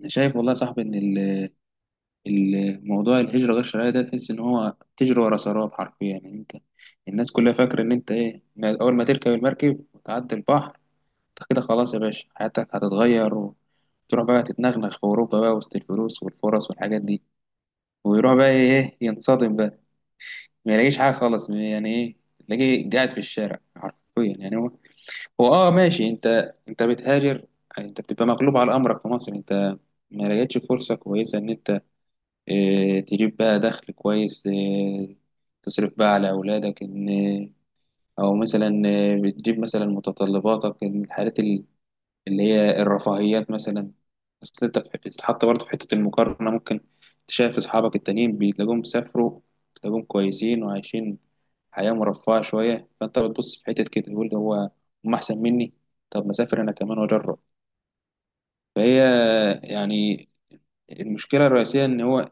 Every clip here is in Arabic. أنا شايف والله يا صاحبي إن موضوع الهجرة غير الشرعية ده تحس إن هو تجري ورا سراب حرفيا، يعني أنت الناس كلها فاكرة إن أنت إيه ما- أول ما تركب المركب وتعدي البحر أنت كده خلاص يا باشا حياتك هتتغير وتروح بقى تتنغنغ في أوروبا بقى وسط الفلوس والفرص والحاجات دي. ويروح بقى إيه إيه، ينصدم بقى، ما يلاقيش حاجة خالص. يعني إيه؟ تلاقيه قاعد في الشارع حرفيا. يعني هو آه ماشي، أنت أنت بتهاجر، أنت بتبقى مغلوب على أمرك في مصر، أنت ما لقيتش فرصة كويسة إن أنت تجيب بقى دخل كويس، تصرف بقى على أولادك، إن أو مثلا بتجيب مثلا متطلباتك إن الحاجات اللي هي الرفاهيات مثلا. أصل أنت بتتحط برضه في حتة المقارنة. ممكن تشايف أصحابك التانيين، بتلاقيهم سافروا، بتلاقيهم كويسين وعايشين حياة مرفهة شوية. فأنت بتبص في حتة كده تقول ده هم أحسن مني. طب ما أسافر أنا كمان وأجرب. فهي، يعني المشكلة الرئيسية إن هو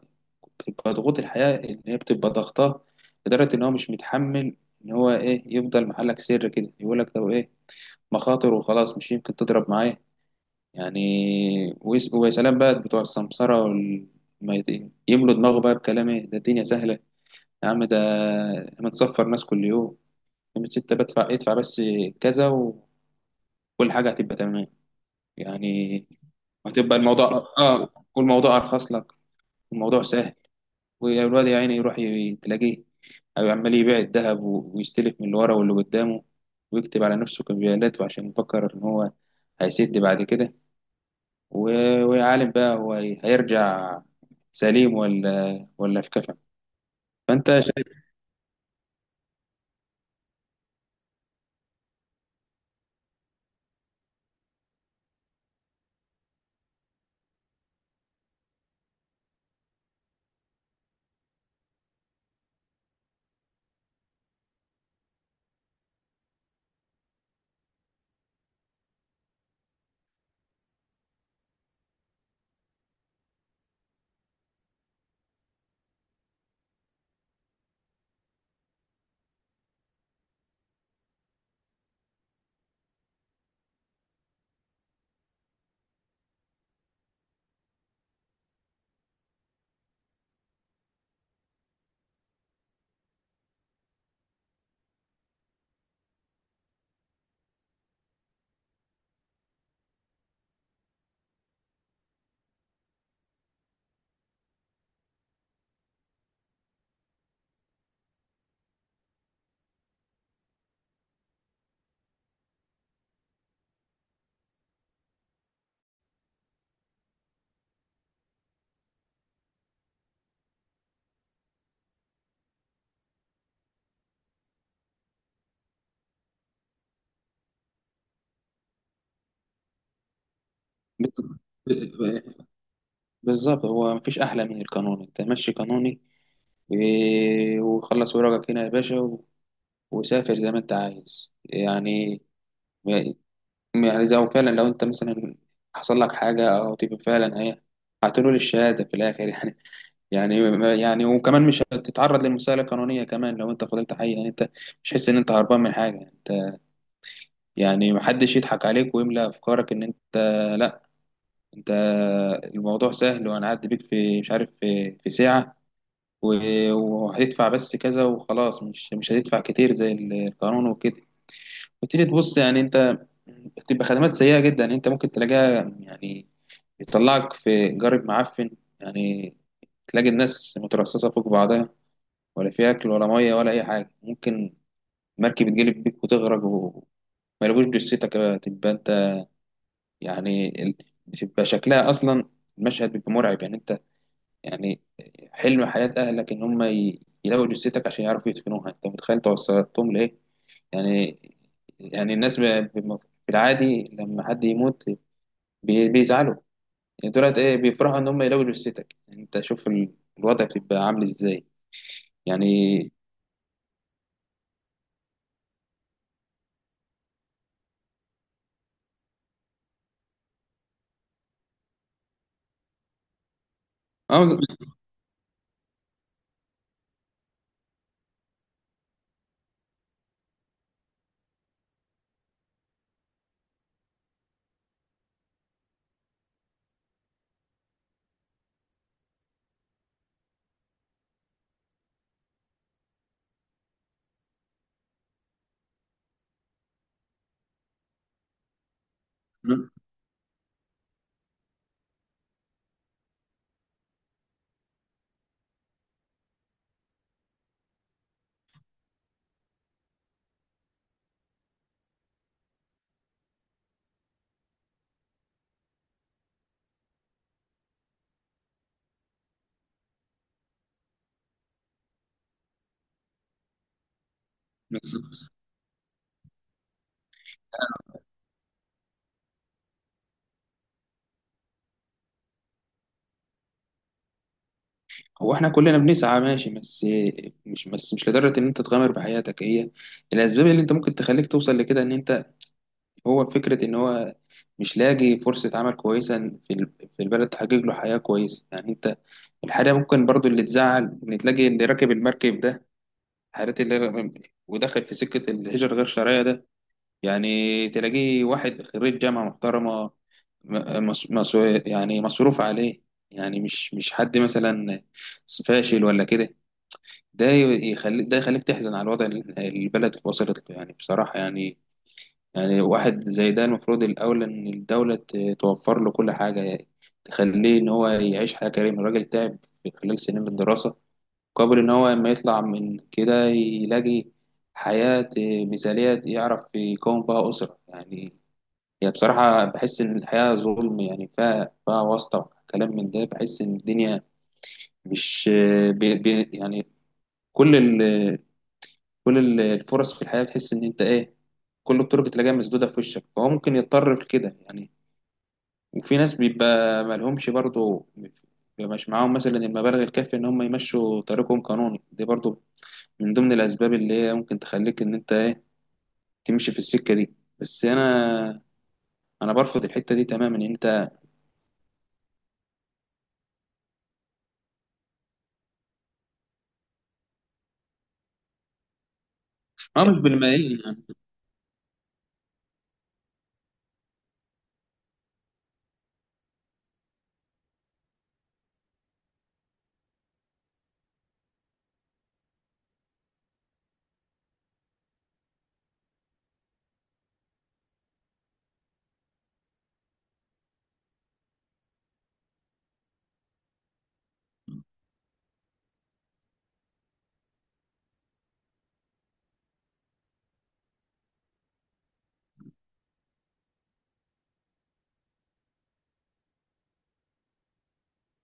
بتبقى ضغوط الحياة، إن هي بتبقى ضغطاه لدرجة إن هو مش متحمل إن هو يفضل محلك سر كده، يقول لك لو مخاطر وخلاص، مش يمكن تضرب معايا. يعني ويا سلام بقى بتوع السمسرة وال... ما يت- يملوا دماغه بقى بكلام ده الدنيا سهلة يا عم، ده هنتصفر ناس كل يوم. من ستة بدفع، ادفع بس كذا وكل حاجة هتبقى تمام. يعني هتبقى الموضوع، آه، والموضوع أرخص لك، الموضوع سهل. والواد يا عيني يروح تلاقيه أو عمال يبيع الذهب ويستلف من اللي ورا واللي قدامه، ويكتب على نفسه كمبيالات، وعشان يفكر إن هو هيسد بعد كده. ويعلم بقى هو هيرجع سليم ولا في كفن. فأنت شايف؟ بالظبط، هو مفيش أحلى من القانون. أنت مشي قانوني، وخلص ورقك هنا يا باشا، و- وسافر زي ما أنت عايز. يعني يعني زي هو فعلا، لو انت مثلا حصل لك حاجه او تبقى فعلا هتنول الشهاده في الاخر. يعني يعني يعني وكمان مش هتتعرض للمساله القانونيه كمان لو انت فضلت حي، يعني انت مش حس ان انت هربان من حاجه. انت يعني محدش يضحك عليك ويملى افكارك ان انت، لا، انت الموضوع سهل وهنعدي بيك في مش عارف في، في ساعه، و- وهتدفع بس كذا وخلاص. مش مش هتدفع كتير زي القانون وكده. وتيجي تبص، يعني انت بتبقى خدمات سيئه جدا، يعني انت ممكن تلاقيها يعني يطلعك في جارب معفن، يعني تلاقي الناس مترصصة فوق بعضها، ولا في أكل ولا مية ولا أي حاجة. ممكن مركب تجلب بيك وتغرق وما يلقوش جثتك بقى، تبقى أنت يعني بتبقى شكلها أصلا المشهد بيبقى مرعب. يعني أنت يعني حلم حياة أهلك إن هم يلاقوا جثتك عشان يعرفوا يدفنوها. أنت متخيل أنت وصلتهم لإيه؟ يعني يعني الناس ب- في العادي لما حد يموت بيزعلوا. يعني دولت بيفرحوا ان هم يلاقوا جثتك. يعني انت شوف الوضع بتبقى عامل ازاي. يعني اه بز- هو احنا كلنا بنسعى ماشي، بس مش بس، مش لدرجه ان انت تغامر بحياتك. هي الاسباب اللي انت ممكن تخليك توصل لكده ان انت، هو فكره ان هو مش لاقي فرصه عمل كويسه في في البلد تحقق له حياه كويسه. يعني انت الحاجه ممكن برضو اللي تزعل ان تلاقي اللي راكب المركب ده، حالات اللي ودخل في سكه الهجره غير شرعيه ده، يعني تلاقيه واحد خريج جامعة محترمة، م- مس- مس- يعني مصروف عليه، يعني مش حد مثلا فاشل ولا كده. ده يخليك، ده يخليك تحزن على الوضع اللي البلد وصلت له، يعني بصراحة يعني يعني واحد زي ده المفروض الأول إن الدولة توفر له كل حاجة، يعني تخليه إن هو يعيش حياة كريمة. الراجل تعب في خلال سنين الدراسة، قبل إن هو لما يطلع من كده يلاقي حياة مثالية يعرف يكون بها أسرة. يعني هي بصراحة بحس إن الحياة ظلم، يعني فيها واسطة وكلام من ده. بحس إن الدنيا مش بي بي يعني كل ال كل الفرص في الحياة تحس إن أنت كل الطرق تلاقيها مسدودة في وشك، فهو ممكن يضطر لكده. يعني وفي ناس بيبقى مالهمش برضه، بيبقى مش معاهم مثلا المبالغ الكافية إن هم يمشوا طريقهم قانوني، دي برضه من ضمن الأسباب اللي هي ممكن تخليك إن أنت تمشي في السكة دي. بس أنا برفض الحتة دي تماما إن أنت، أه مش بالملايين يعني.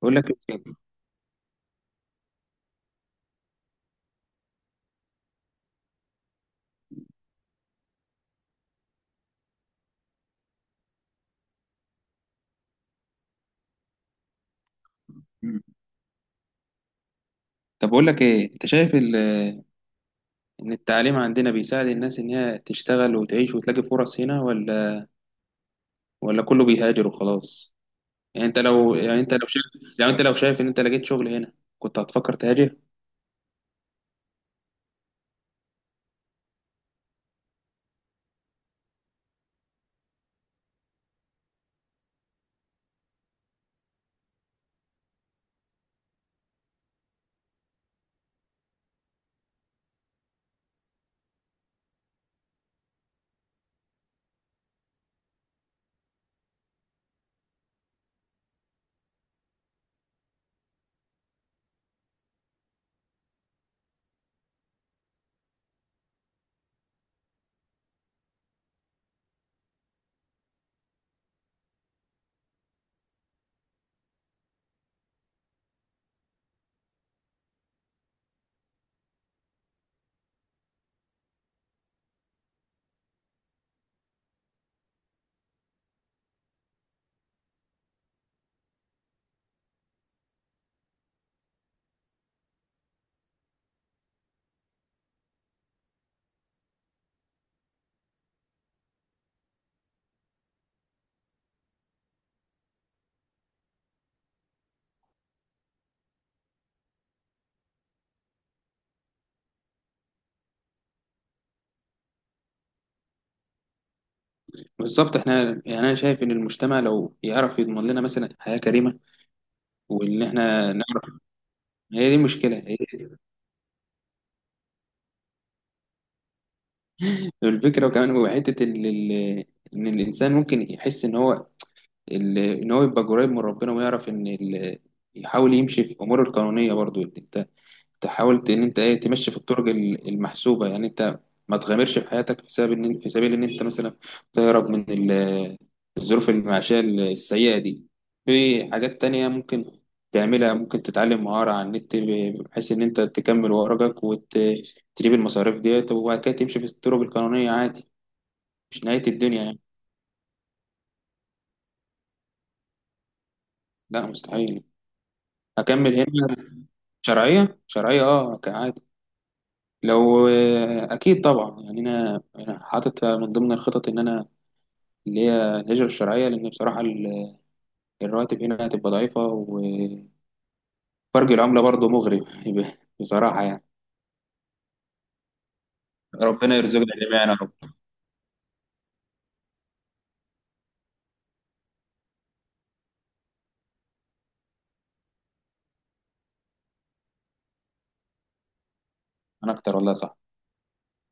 بقول لك، طب بقول لك ايه، انت شايف ان التعليم عندنا بيساعد الناس ان هي تشتغل وتعيش وتلاقي فرص هنا، ولا ولا كله بيهاجر وخلاص؟ يعني انت لو، يعني انت لو شايف، يعني انت لو شايف ان انت لقيت شغل هنا، كنت هتفكر تهاجر؟ بالظبط، احنا يعني انا شايف ان المجتمع لو يعرف يضمن لنا مثلا حياة كريمة، وان احنا نعرف، هي دي المشكلة، هي دي الفكرة. وكمان هو حتة ان الانسان ممكن يحس ان هو ان هو يبقى قريب من ربنا، ويعرف ان يحاول يمشي في اموره القانونية. برضو انت تحاول ان انت تمشي في الطرق المحسوبه. يعني انت ما تغامرش في حياتك في سبب ان، في سبيل ان انت مثلا تهرب من الظروف المعيشيه السيئه دي. في حاجات تانية ممكن تعملها، ممكن تتعلم مهارة على النت، بحيث إن أنت تكمل ورقك وتجيب المصاريف ديت، وبعد كده تمشي في الطرق القانونية عادي. مش نهاية الدنيا يعني. لا، مستحيل. هكمل هنا. شرعية شرعية، اه عادي. لو آه، اكيد طبعا، يعني انا حاطط من ضمن الخطط ان انا اللي هي الهجره الشرعيه، لان بصراحه الرواتب هنا هتبقى ضعيفه، وفرق العمله برضه مغري بصراحه يعني. ربنا يرزقنا جميعا يا رب. انا اكتر والله، صح.